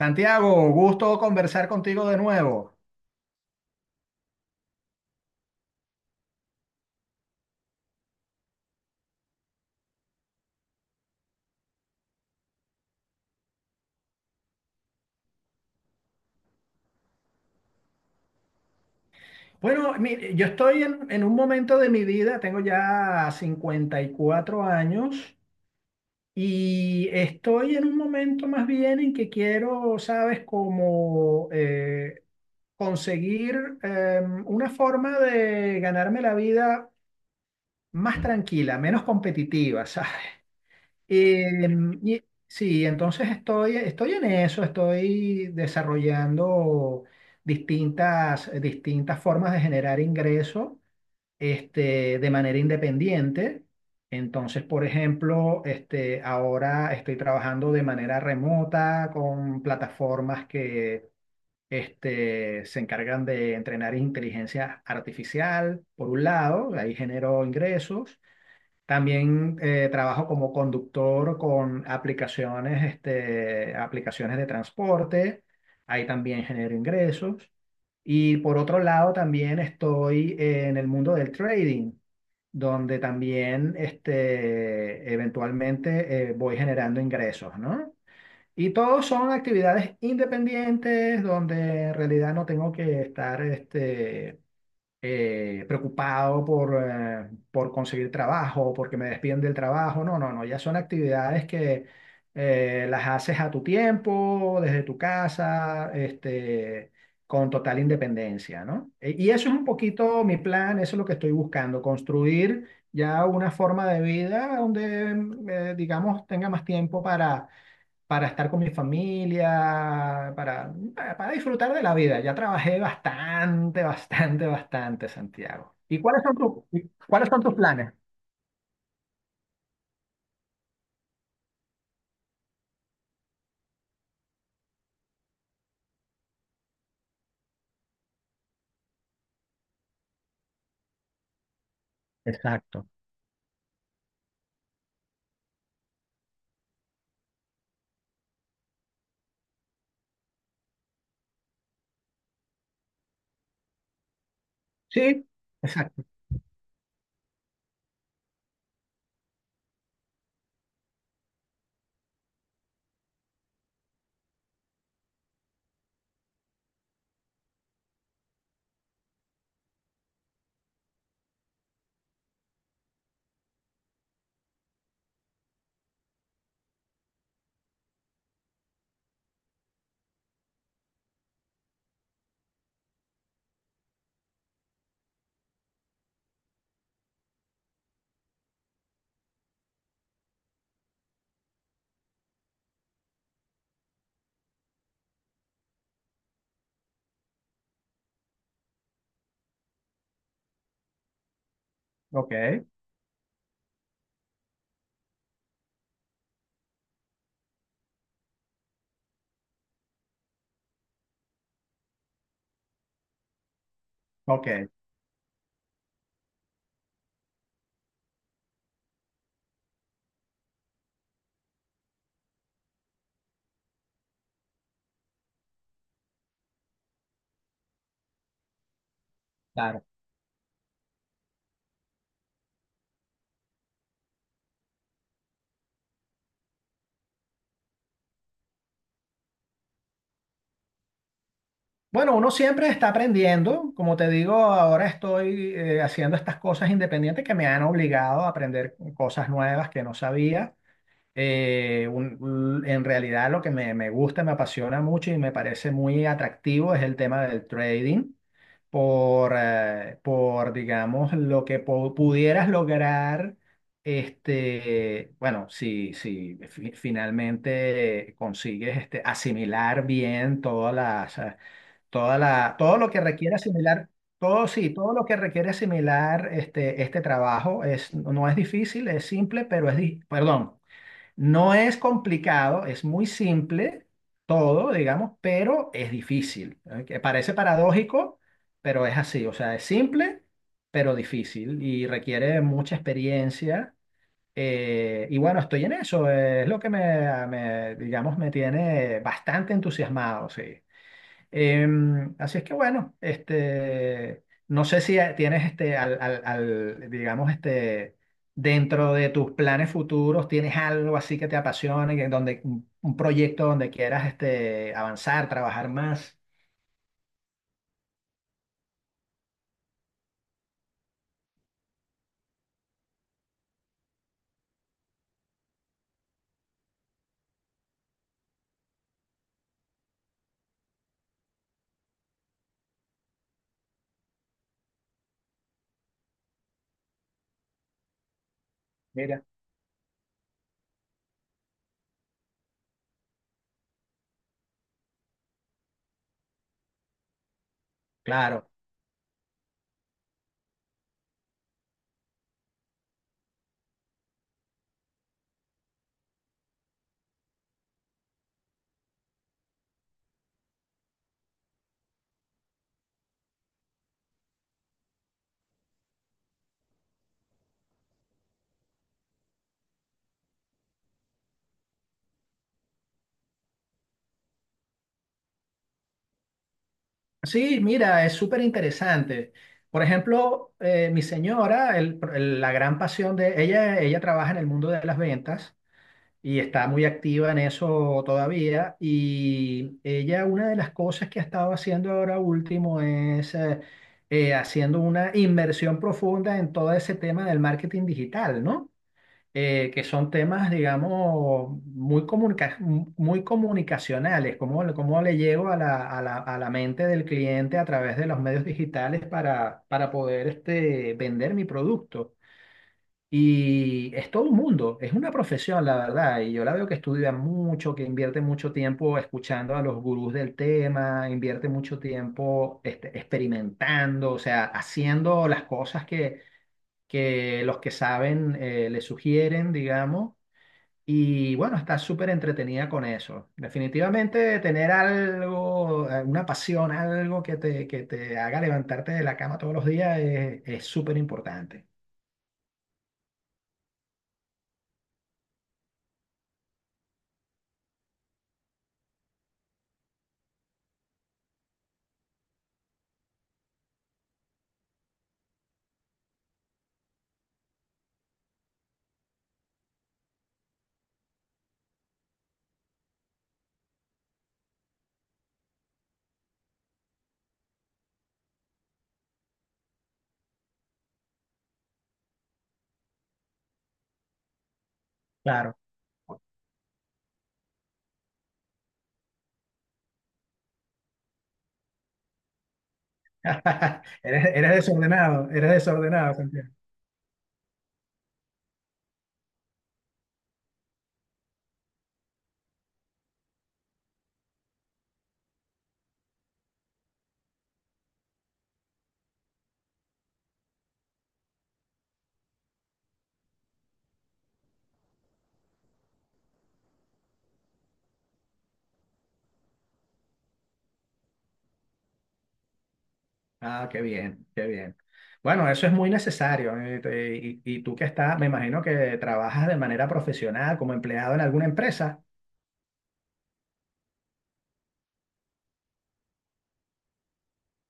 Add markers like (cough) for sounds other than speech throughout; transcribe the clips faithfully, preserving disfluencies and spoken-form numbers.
Santiago, gusto conversar contigo de nuevo. Bueno, mire, yo estoy en, en un momento de mi vida, tengo ya cincuenta y cuatro años y estoy en un momento más bien en que quiero, sabes, como eh, conseguir eh, una forma de ganarme la vida más tranquila, menos competitiva, (laughs) Em, y sí, entonces estoy, estoy en eso, estoy desarrollando distintas, distintas formas de generar ingreso este, de manera independiente. Entonces, por ejemplo, este, ahora estoy trabajando de manera remota con plataformas que este, se encargan de entrenar inteligencia artificial, por un lado, ahí genero ingresos. También eh, trabajo como conductor con aplicaciones, este, aplicaciones de transporte. Ahí también genero ingresos. Y por otro lado, también estoy en el mundo del trading, donde también este, eventualmente eh, voy generando ingresos, ¿no? Y todos son actividades independientes donde en realidad no tengo que estar este, eh, preocupado por, eh, por conseguir trabajo, porque me despiden del trabajo. No, no, no, ya son actividades que eh, las haces a tu tiempo, desde tu casa, este, con total independencia, ¿no? E- Y eso es un poquito mi plan, eso es lo que estoy buscando, construir ya una forma de vida donde, mm, eh, digamos, tenga más tiempo para para estar con mi familia, para, ah, para disfrutar de la vida. Ya trabajé bastante, bastante, bastante, Santiago. ¿Y cuáles son tus, y cuáles son tus planes? Exacto. Sí, exacto. Ok, ok, claro. Bueno, uno siempre está aprendiendo. Como te digo, ahora estoy eh, haciendo estas cosas independientes que me han obligado a aprender cosas nuevas que no sabía. Eh, un- en realidad lo que me, me gusta, me apasiona mucho y me parece muy atractivo es el tema del trading por, eh, por digamos, lo que po- pudieras lograr, este, bueno, si, si fi- finalmente consigues este, asimilar bien todas las, eh, toda la, todo lo que requiere asimilar. Todo sí, todo lo que requiere asimilar este, este trabajo es, no es difícil, es simple, pero es, di- perdón, no es complicado, es muy simple todo, digamos, pero es difícil. ¿Eh? Que parece paradójico, pero es así. O sea, es simple, pero difícil y requiere mucha experiencia. Eh, y bueno, estoy en eso. eh, Es lo que me, me, digamos, me tiene bastante entusiasmado, sí. Em, así es que bueno, este, no sé si eh, tienes este, al, al- al, digamos, este, dentro de tus planes futuros, tienes algo así que te apasione, que donde, un, un proyecto donde quieras este, avanzar, trabajar más. Mira, claro. Sí, mira, es súper interesante. Por ejemplo, eh, mi señora, el- el- la gran pasión de ella, ella trabaja en el mundo de las ventas. Y está muy activa en eso todavía. Y ella, una de las cosas que ha estado haciendo ahora último es eh, eh, haciendo una inmersión profunda en todo ese tema del marketing digital, ¿no? Eh, que son temas, digamos, muy comunica- muy comunicacionales, cómo, le cómo le llego a la, a la, a la mente del cliente a través de los medios digitales para, para poder este, vender mi producto. Y es todo un mundo, es una profesión, la verdad. Y yo la veo que estudia mucho, que invierte mucho tiempo escuchando a los gurús del tema, invierte mucho tiempo este, experimentando, o sea, haciendo las cosas que, que los que saben eh, le sugieren, digamos. Y bueno, está súper entretenida con eso. Definitivamente tener algo, eh, una pasión, algo que te, que te haga levantarte de la cama todos los días es es súper importante. Claro. (laughs) Eres, eres desordenado, eres desordenado, Santiago. Ah, qué bien, qué bien. Bueno, eso es muy necesario. eh, te- Y, y tú que estás, me imagino que trabajas de manera profesional como empleado en alguna empresa.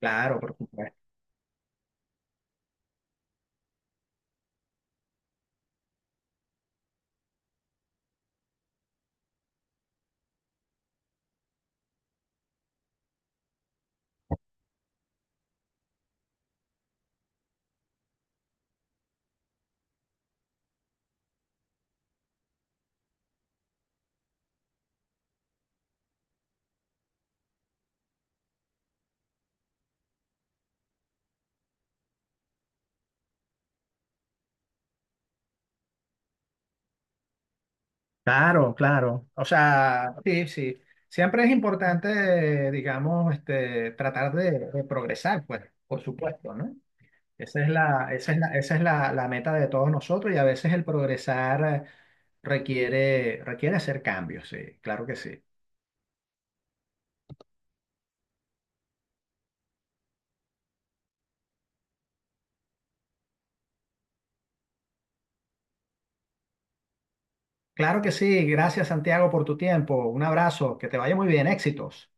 Claro, por supuesto. Claro, claro. O sea, sí, sí. Siempre es importante, digamos, este, tratar de, de progresar, pues, por supuesto, ¿no? Esa es la, esa es la, esa es la, la meta de todos nosotros y a veces el progresar eh, requiere, requiere hacer cambios, sí, claro que sí. Claro que sí, gracias Santiago por tu tiempo, un abrazo, que te vaya muy bien, éxitos.